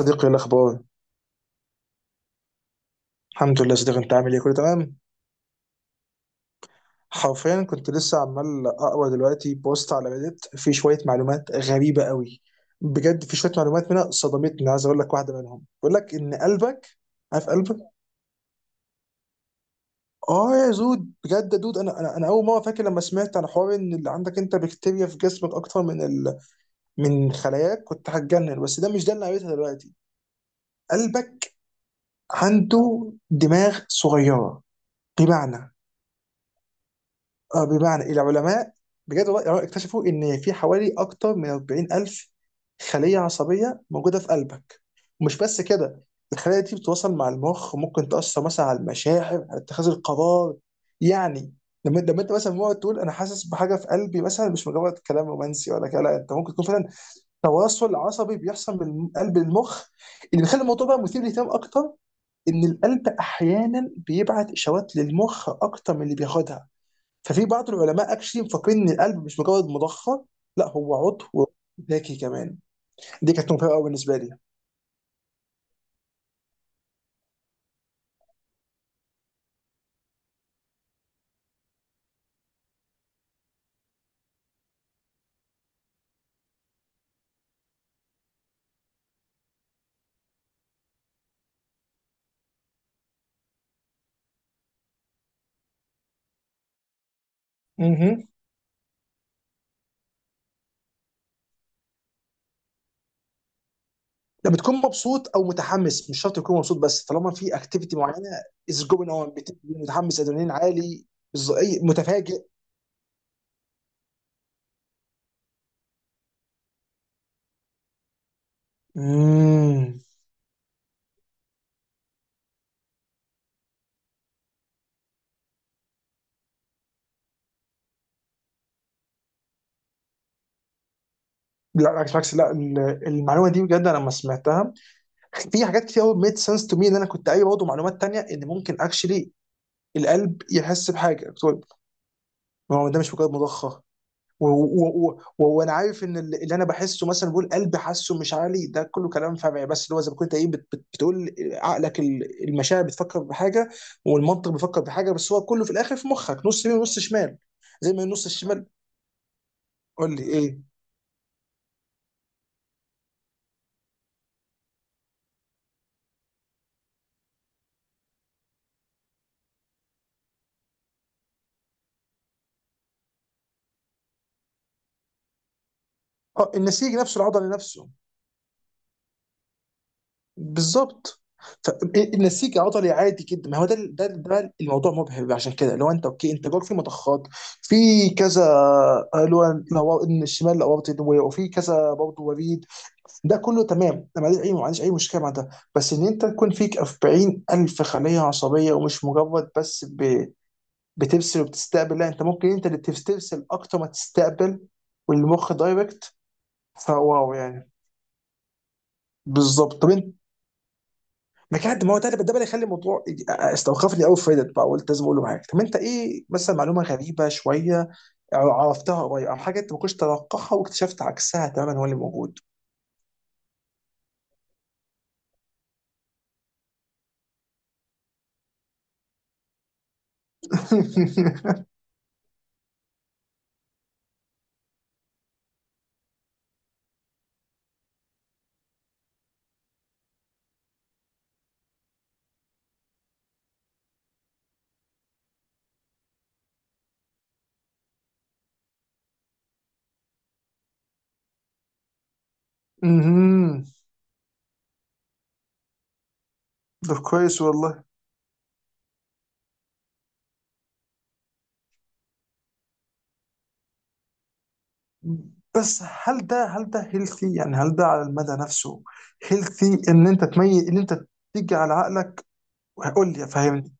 صديقي، إيه الاخبار؟ الحمد لله صديقي. انت عامل ايه؟ كله تمام. حرفيا كنت لسه عمال اقرا دلوقتي بوست على ريديت، في شويه معلومات غريبه قوي. بجد في شويه معلومات منها صدمتني، عايز اقول لك واحده منهم. بيقول لك ان قلبك... عارف قلبك... اه يا زود، بجد يا دود، انا اول مره فاكر لما سمعت عن حوار ان اللي عندك انت بكتيريا في جسمك اكتر من من خلاياك، كنت هتجنن. بس ده مش ده اللي قريتها دلوقتي. قلبك عنده دماغ صغيره، بمعنى... آه، بمعنى العلماء بجد والله اكتشفوا ان في حوالي اكتر من 40000 خليه عصبيه موجوده في قلبك. ومش بس كده، الخلايا دي بتتواصل مع المخ، ممكن تاثر مثلا على المشاعر، على اتخاذ القرار. يعني لما انت مثلا مقعد تقول انا حاسس بحاجه في قلبي، مثلا مش مجرد كلام رومانسي ولا كده، لا انت ممكن تكون فعلا تواصل عصبي بيحصل من قلب للمخ. اللي بيخلي الموضوع بقى مثير للاهتمام اكتر ان القلب احيانا بيبعت اشارات للمخ اكتر من اللي بياخدها. ففي بعض العلماء اكشلي مفكرين ان القلب مش مجرد مضخه، لا هو عضو ذكي كمان. دي كانت مفاجاه قوي بالنسبه لي. مهم. لما تكون مبسوط او متحمس، مش شرط تكون مبسوط بس، طالما في اكتيفيتي معينه. از جوين اون، متحمس، ادرينالين عالي، متفاجئ. مم. لا بالعكس بالعكس، لا المعلومه دي بجد، انا لما سمعتها في حاجات كتير قوي ميد سنس تو مي. ان انا كنت قايل برضه معلومات تانية ان ممكن اكشلي القلب يحس بحاجه، قلت له، ما هو ده مش مجرد مضخه. وانا عارف ان اللي انا بحسه مثلا، بقول قلبي حاسه، مش عالي، ده كله كلام فمعي، بس اللي هو زي ما كنت ايه بتقول، عقلك المشاعر بتفكر بحاجه والمنطق بيفكر بحاجه، بس هو كله في الاخر في مخك نص يمين ونص شمال. زي ما النص الشمال. قول لي ايه. اه النسيج نفسه العضلي نفسه. بالظبط. فالنسيج عضلي عادي جدا. ما هو ده الموضوع مبهر. عشان كده لو انت اوكي، انت جواك في مضخات، في كذا، اللي هو الشمال الاورطي، وفي كذا برضه وريد. ده كله تمام، انا ما عنديش اي مشكله مع ده. بس ان انت تكون فيك 40 الف خليه عصبيه، ومش مجرد بس بترسل وبتستقبل، لا انت ممكن انت اللي ترسل اكتر ما تستقبل، والمخ دايركت. فواو يعني. بالظبط. طب انت... ما هو ده اللي يخلي الموضوع استوقفني قوي في Reddit بقى. قلت لازم اقول له حاجه. طب انت ايه مثلا معلومه غريبه شويه عرفتها قريب، او حاجه انت ما كنتش تتوقعها واكتشفت عكسها تماما هو اللي موجود؟ مهم. ده كويس والله. بس هل ده هيلثي يعني؟ هل ده على المدى نفسه هيلثي ان انت تميز ان انت تيجي على عقلك؟ قول لي، فهمني.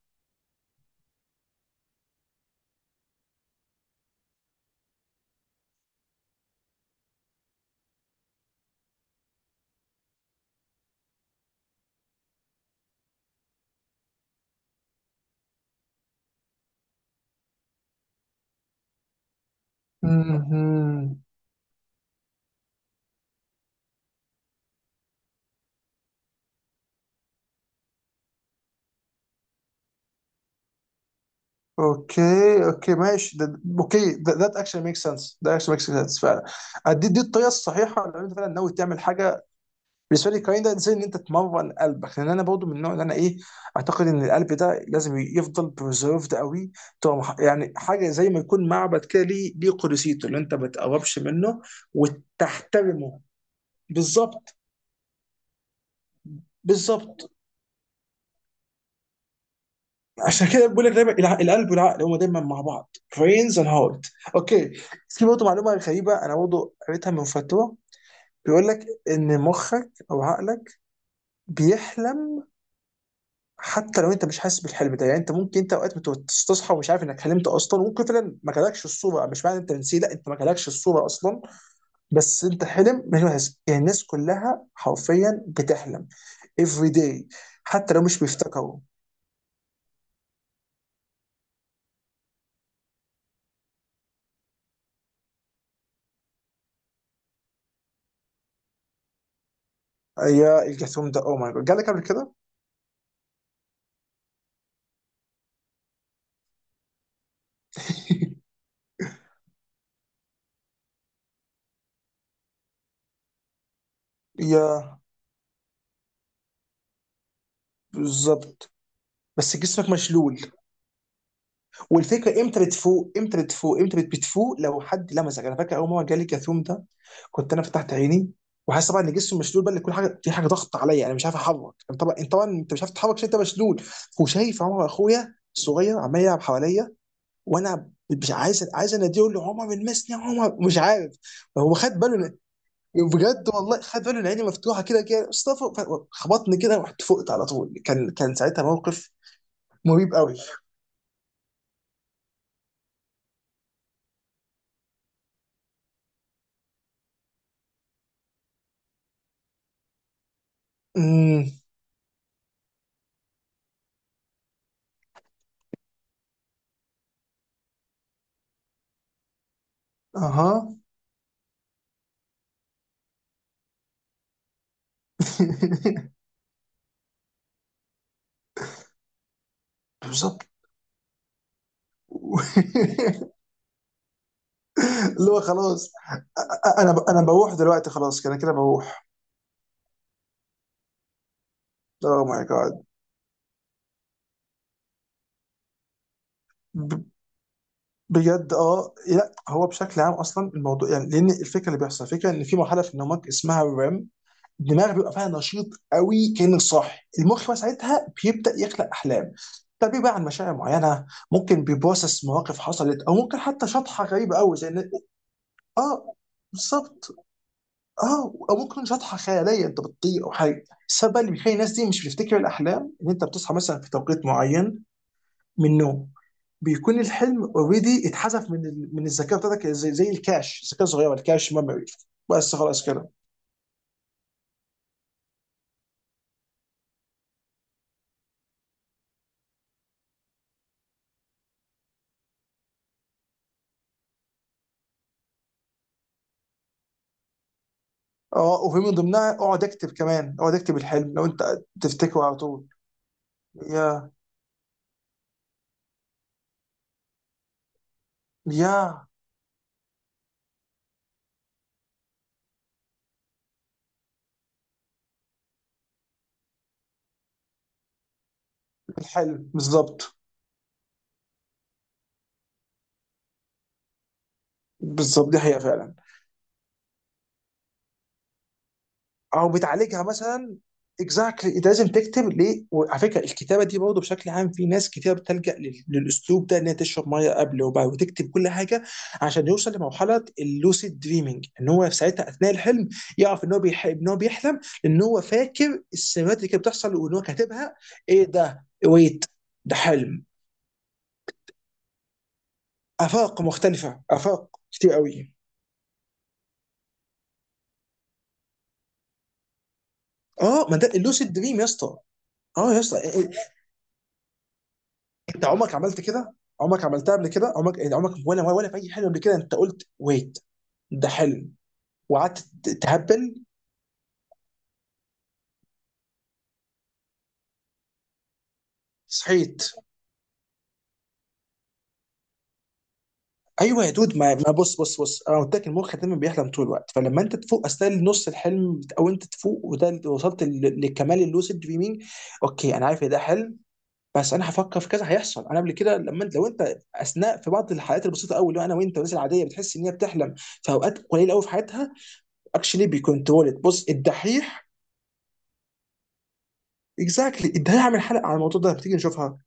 مهم. اوكي اوكي ماشي، ده اوكي، ذات اكشن ميك سنس، ده اكشن ميك سنس فعلا. دي الطريقه الصحيحه لو انت فعلا ناوي تعمل حاجه. بالنسبه لي الكلام ده زي ان انت تمرن قلبك، لان انا برضو من النوع اللي انا ايه، اعتقد ان القلب ده لازم يفضل بريزرفد قوي. تبقى يعني حاجه زي ما يكون معبد كده، ليه قدسيته اللي انت ما تقربش منه وتحترمه. بالظبط. بالظبط. عشان كده بقول لك دايما القلب والعقل هما دايما مع بعض، brains and heart. اوكي. في برضه معلومه غريبه انا برضه قريتها من فتره. بيقول لك ان مخك او عقلك بيحلم حتى لو انت مش حاسس بالحلم ده. يعني انت ممكن انت اوقات تصحى ومش عارف انك حلمت اصلا. وممكن فعلا ما جالكش الصوره، مش معنى انت نسيت، لا انت ما جالكش الصوره اصلا. بس انت حلم مش حاسس. يعني الناس كلها حرفيا بتحلم every day، حتى لو مش بيفتكروا. يا الجاثوم ده او ماي جاد، جالك قبل كده؟ يا. بالظبط. بس جسمك مشلول. والفكره امتى بتفوق؟ لو حد لمسك. انا فاكر اول مره جالي كاثوم ده، كنت انا فتحت عيني وحاسس طبعا ان جسمي مشلول بقى، ان كل حاجه في حاجه ضغط عليا، انا مش عارف اتحرك. أنا طبعا، انت طبعا، انت مش عارف تتحرك عشان انت مشلول. وشايف عمر اخويا الصغير عمال يلعب حواليا، وانا مش عايز، عايز اناديه، اقول له عمر المسني يا عمر، مش عارف. هو خد باله بجد والله خد باله ان عيني مفتوحه كده كده. مصطفى خبطني كده ورحت فقت على طول. كان ساعتها موقف مريب قوي. امم. اها. بالظبط. اللي هو خلاص، انا بروح دلوقتي، خلاص كده كده بروح. اوه ماي جاد. بجد. اه لا هو بشكل عام اصلا الموضوع يعني، لان الفكره اللي بيحصل، الفكره ان في مرحله في نومك اسمها الريم، الدماغ بيبقى فيها نشيط قوي كانك صاحي. المخ بقى ساعتها بيبدا يخلق احلام. ده بيبقى عن مشاعر معينه، ممكن بيبروسس مواقف حصلت، او ممكن حتى شطحه غريبه قوي زي اه، بالظبط. اه او ممكن تكون شطحه خياليه انت بتطير او حاجه. السبب بقى اللي بيخلي الناس دي مش بتفتكر الاحلام، ان انت بتصحى مثلا في توقيت معين من النوم، بيكون الحلم اوريدي اتحذف من من الذاكره بتاعتك، زي الكاش، الذاكره الصغيره، الكاش ميموري. بس خلاص كده. اه وفي من ضمنها اقعد اكتب كمان، اقعد اكتب الحلم لو انت تفتكره على طول. يا يا الحلم بالظبط. بالظبط، دي حقيقه فعلا. او بتعالجها مثلا. اكزاكتلي، انت لازم تكتب ليه. وعلى فكره الكتابه دي برضه بشكل عام، في ناس كتير بتلجأ للاسلوب ده، انها تشرب ميه قبل وبعد وتكتب كل حاجه، عشان يوصل لمرحله اللوسيد دريمينج. ان هو في ساعتها اثناء الحلم يعرف ان هو ان هو بيحلم، لان هو فاكر السيناريوهات اللي كانت بتحصل وان هو كاتبها. ايه ده، ويت، ده حلم، افاق مختلفه، افاق كتير قوي. اه ما ده اللوسيد دريم يا اسطى. اه يا اسطى. انت عمرك عملت كده؟ عمرك عملتها قبل كده، عمرك يعني، عمرك ولا في اي حلم قبل كده انت قلت ويت، ده حلم، وقعدت تهبل؟ صحيت. ايوه يا دود، ما بص بص بص. انا قلت لك المخ دايما بيحلم طول الوقت، فلما انت تفوق اثناء نص الحلم، او انت تفوق، وده اللي وصلت لكمال اللوسيد دريمينج. اوكي انا عارف ان ده حلم، بس انا هفكر في كذا هيحصل. انا قبل كده لما انت لو انت اثناء، في بعض الحالات البسيطه قوي، اللي هو انا وانت والناس العاديه بتحس ان هي بتحلم في اوقات قليله قوي في حياتها. اكشلي بيكونترول، بص الدحيح. اكزاكتلي. ده هعمل حلقه على الموضوع ده، تيجي نشوفها.